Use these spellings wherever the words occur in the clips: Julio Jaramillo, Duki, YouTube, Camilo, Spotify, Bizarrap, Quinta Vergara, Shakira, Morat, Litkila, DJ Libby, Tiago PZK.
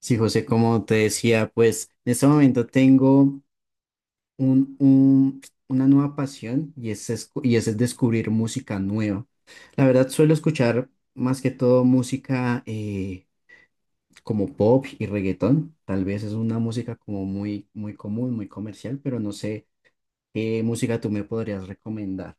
Sí, José, como te decía, pues en este momento tengo un, un- una nueva pasión y es, y es descubrir música nueva. La verdad, suelo escuchar más que todo música como pop y reggaetón. Tal vez es una música como muy, muy común, muy comercial, pero no sé qué música tú me podrías recomendar.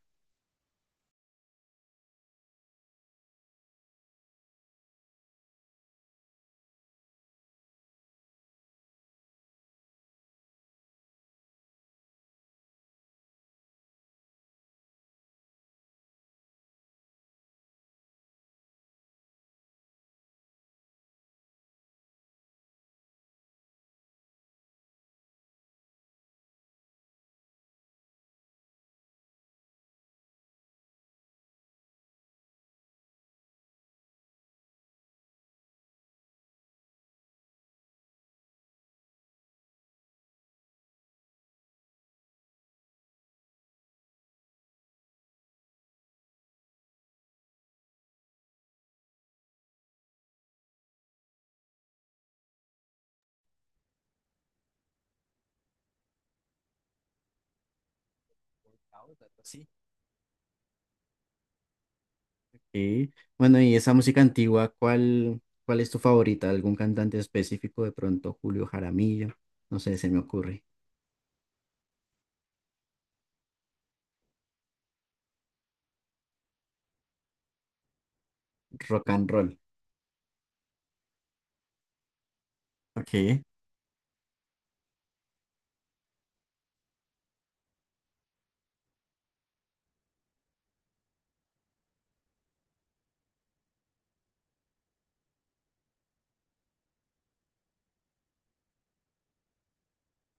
Sí. Bueno, y esa música antigua, ¿cuál, cuál es tu favorita? ¿Algún cantante específico? De pronto Julio Jaramillo, no sé, se me ocurre. Rock and roll. Ok.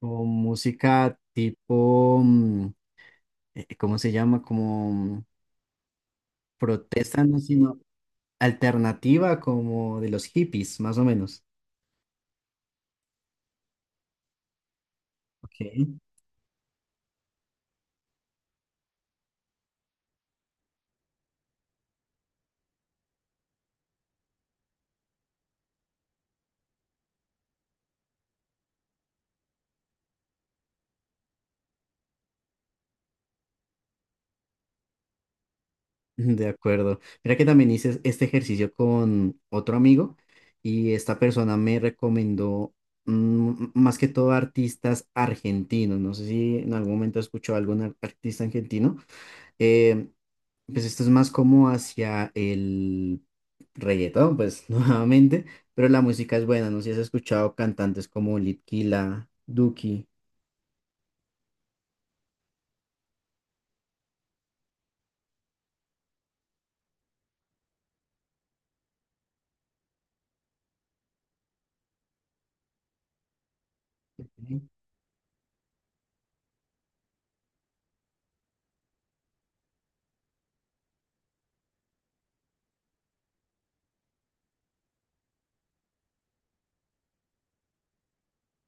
O música tipo, ¿cómo se llama? Como protesta, no, sino alternativa, como de los hippies, más o menos. Ok. De acuerdo. Mira que también hice este ejercicio con otro amigo y esta persona me recomendó más que todo artistas argentinos. No sé si en algún momento escuchó algún artista argentino. Eh, pues esto es más como hacia el reggaetón, pues nuevamente, pero la música es buena. No sé si has escuchado cantantes como Litkila, Duki.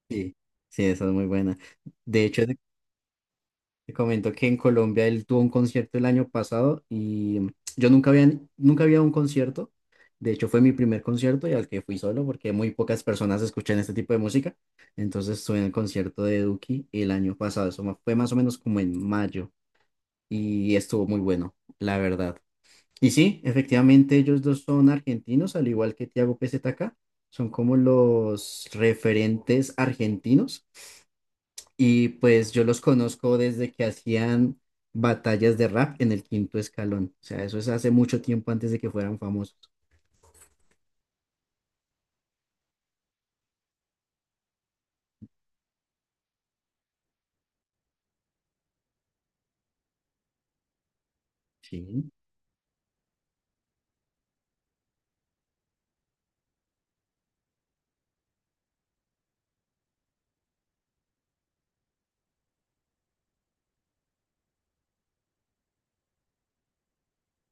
Sí, sí, esa es muy buena. De hecho, te comento que en Colombia él tuvo un concierto el año pasado y yo nunca había, nunca había un concierto. De hecho, fue mi primer concierto y al que fui solo porque muy pocas personas escuchan este tipo de música. Entonces estuve en el concierto de Duki el año pasado. Eso fue más o menos como en mayo y estuvo muy bueno, la verdad. Y sí, efectivamente ellos dos son argentinos, al igual que Tiago PZK. Son como los referentes argentinos y pues yo los conozco desde que hacían batallas de rap en el quinto escalón. O sea, eso es hace mucho tiempo antes de que fueran famosos. Sí.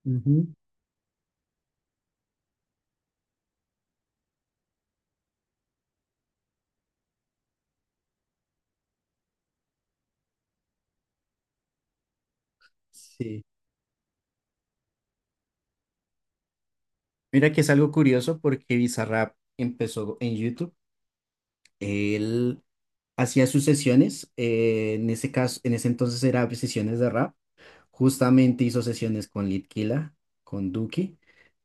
Ujú. Sí. Mira que es algo curioso porque Bizarrap empezó en YouTube. Él hacía sus sesiones, en ese caso, en ese entonces era sesiones de rap. Justamente hizo sesiones con Litkila, con Duki,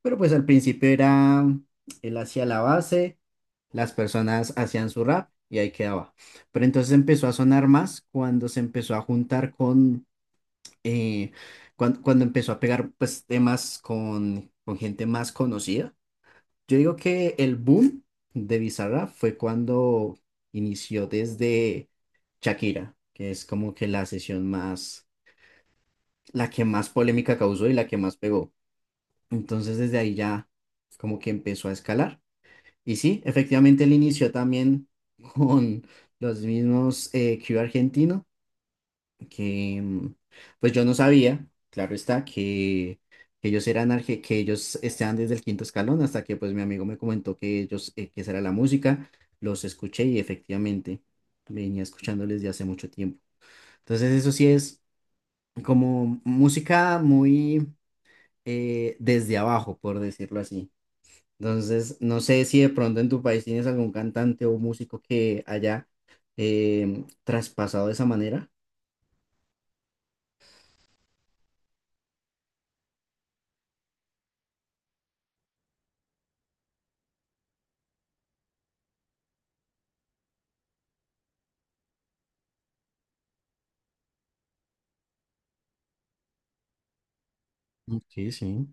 pero pues al principio era, él hacía la base, las personas hacían su rap y ahí quedaba. Pero entonces empezó a sonar más cuando se empezó a juntar con, eh, cuando, empezó a pegar pues temas con gente más conocida. Yo digo que el boom de Bizarra fue cuando inició desde Shakira, que es como que la sesión más, la que más polémica causó y la que más pegó. Entonces desde ahí ya como que empezó a escalar. Y sí, efectivamente él inició también con los mismos Q argentino, que pues yo no sabía, claro está, que ellos eran que ellos estaban desde el quinto escalón hasta que pues mi amigo me comentó que ellos, que esa era la música, los escuché y efectivamente venía escuchándoles de hace mucho tiempo. Entonces eso sí es como música muy desde abajo, por decirlo así. Entonces, no sé si de pronto en tu país tienes algún cantante o músico que haya traspasado de esa manera. Ok, sí.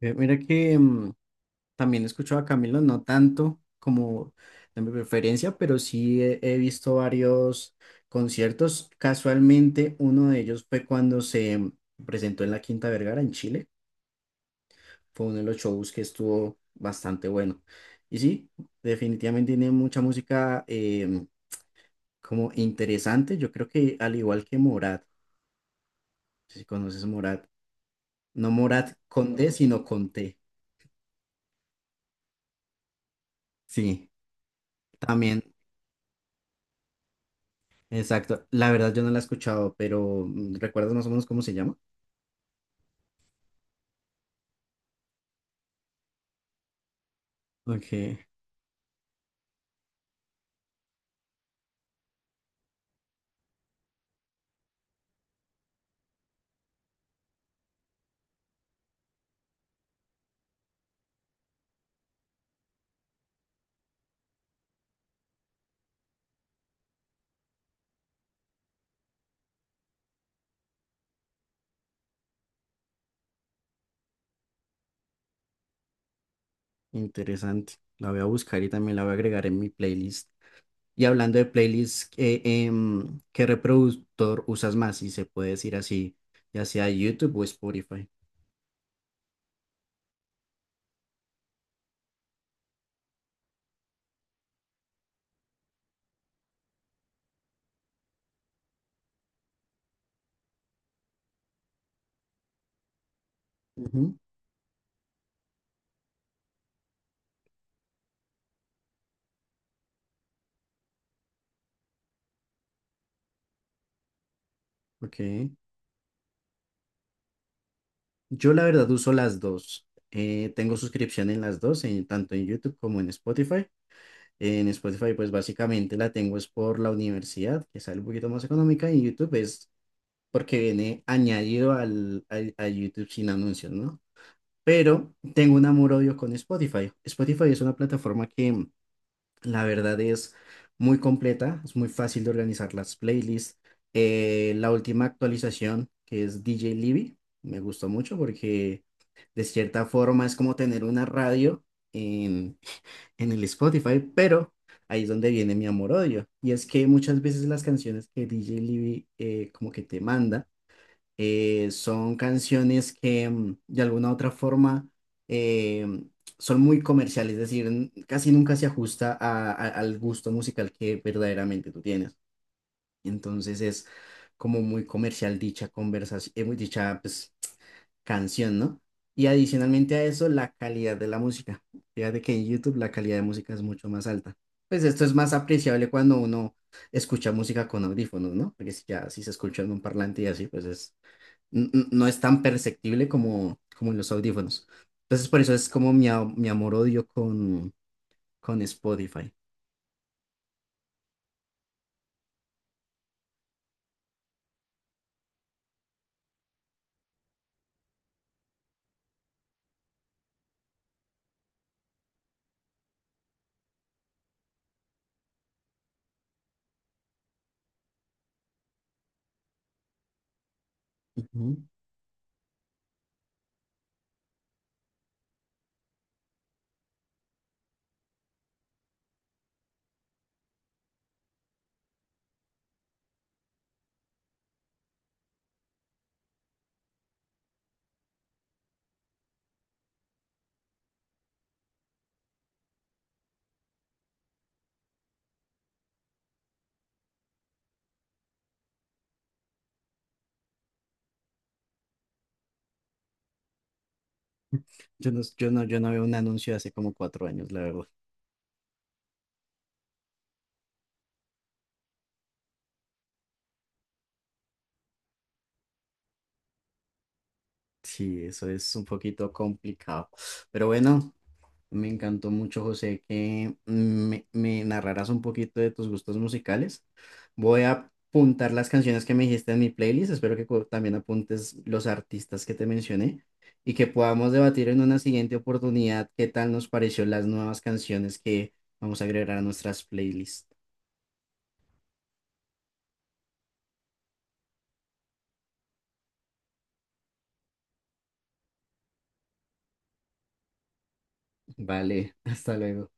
Mira que también he escuchado a Camilo, no tanto como de mi preferencia, pero sí he, he visto varios conciertos. Casualmente, uno de ellos fue cuando se presentó en la Quinta Vergara en Chile. Fue uno de los shows que estuvo bastante bueno. Y sí, definitivamente tiene mucha música como interesante. Yo creo que al igual que Morat, si conoces Morat, no Morat con D, sino con T. Sí, también, exacto. La verdad yo no la he escuchado, pero ¿recuerdas más o menos cómo se llama? Ok, interesante. La voy a buscar y también la voy a agregar en mi playlist. Y hablando de playlists, ¿qué reproductor usas más? Si se puede decir así, ya sea YouTube o Spotify. Ujú, ok. Yo la verdad uso las dos. Tengo suscripción en las dos, tanto en YouTube como en Spotify. En Spotify pues básicamente la tengo es por la universidad, que sale un poquito más económica, y en YouTube es porque viene añadido al, a YouTube sin anuncios, ¿no? Pero tengo un amor-odio con Spotify. Spotify es una plataforma que... la verdad es muy completa, es muy fácil de organizar las playlists. La última actualización, que es DJ Libby, me gustó mucho porque de cierta forma es como tener una radio en, en el Spotify, pero ahí es donde viene mi amor-odio. Y es que muchas veces las canciones que DJ Libby como que te manda, son canciones que de alguna u otra forma eh, son muy comerciales, es decir, casi nunca se ajusta al gusto musical que verdaderamente tú tienes. Entonces es como muy comercial dicha conversación, dicha pues, canción, ¿no? Y adicionalmente a eso, la calidad de la música. Fíjate que en YouTube la calidad de música es mucho más alta. Pues esto es más apreciable cuando uno escucha música con audífonos, ¿no? Porque si ya si se escucha en un parlante y así, pues es no es tan perceptible como, como en los audífonos. Entonces, por eso es como mi, mi amor-odio con Spotify. Ujú. Yo no veo un anuncio de hace como cuatro años, la verdad. Sí, eso es un poquito complicado. Pero bueno, me encantó mucho, José, que me narraras un poquito de tus gustos musicales. Voy a apuntar las canciones que me dijiste en mi playlist. Espero que también apuntes los artistas que te mencioné y que podamos debatir en una siguiente oportunidad qué tal nos pareció las nuevas canciones que vamos a agregar a nuestras playlists. Vale, hasta luego.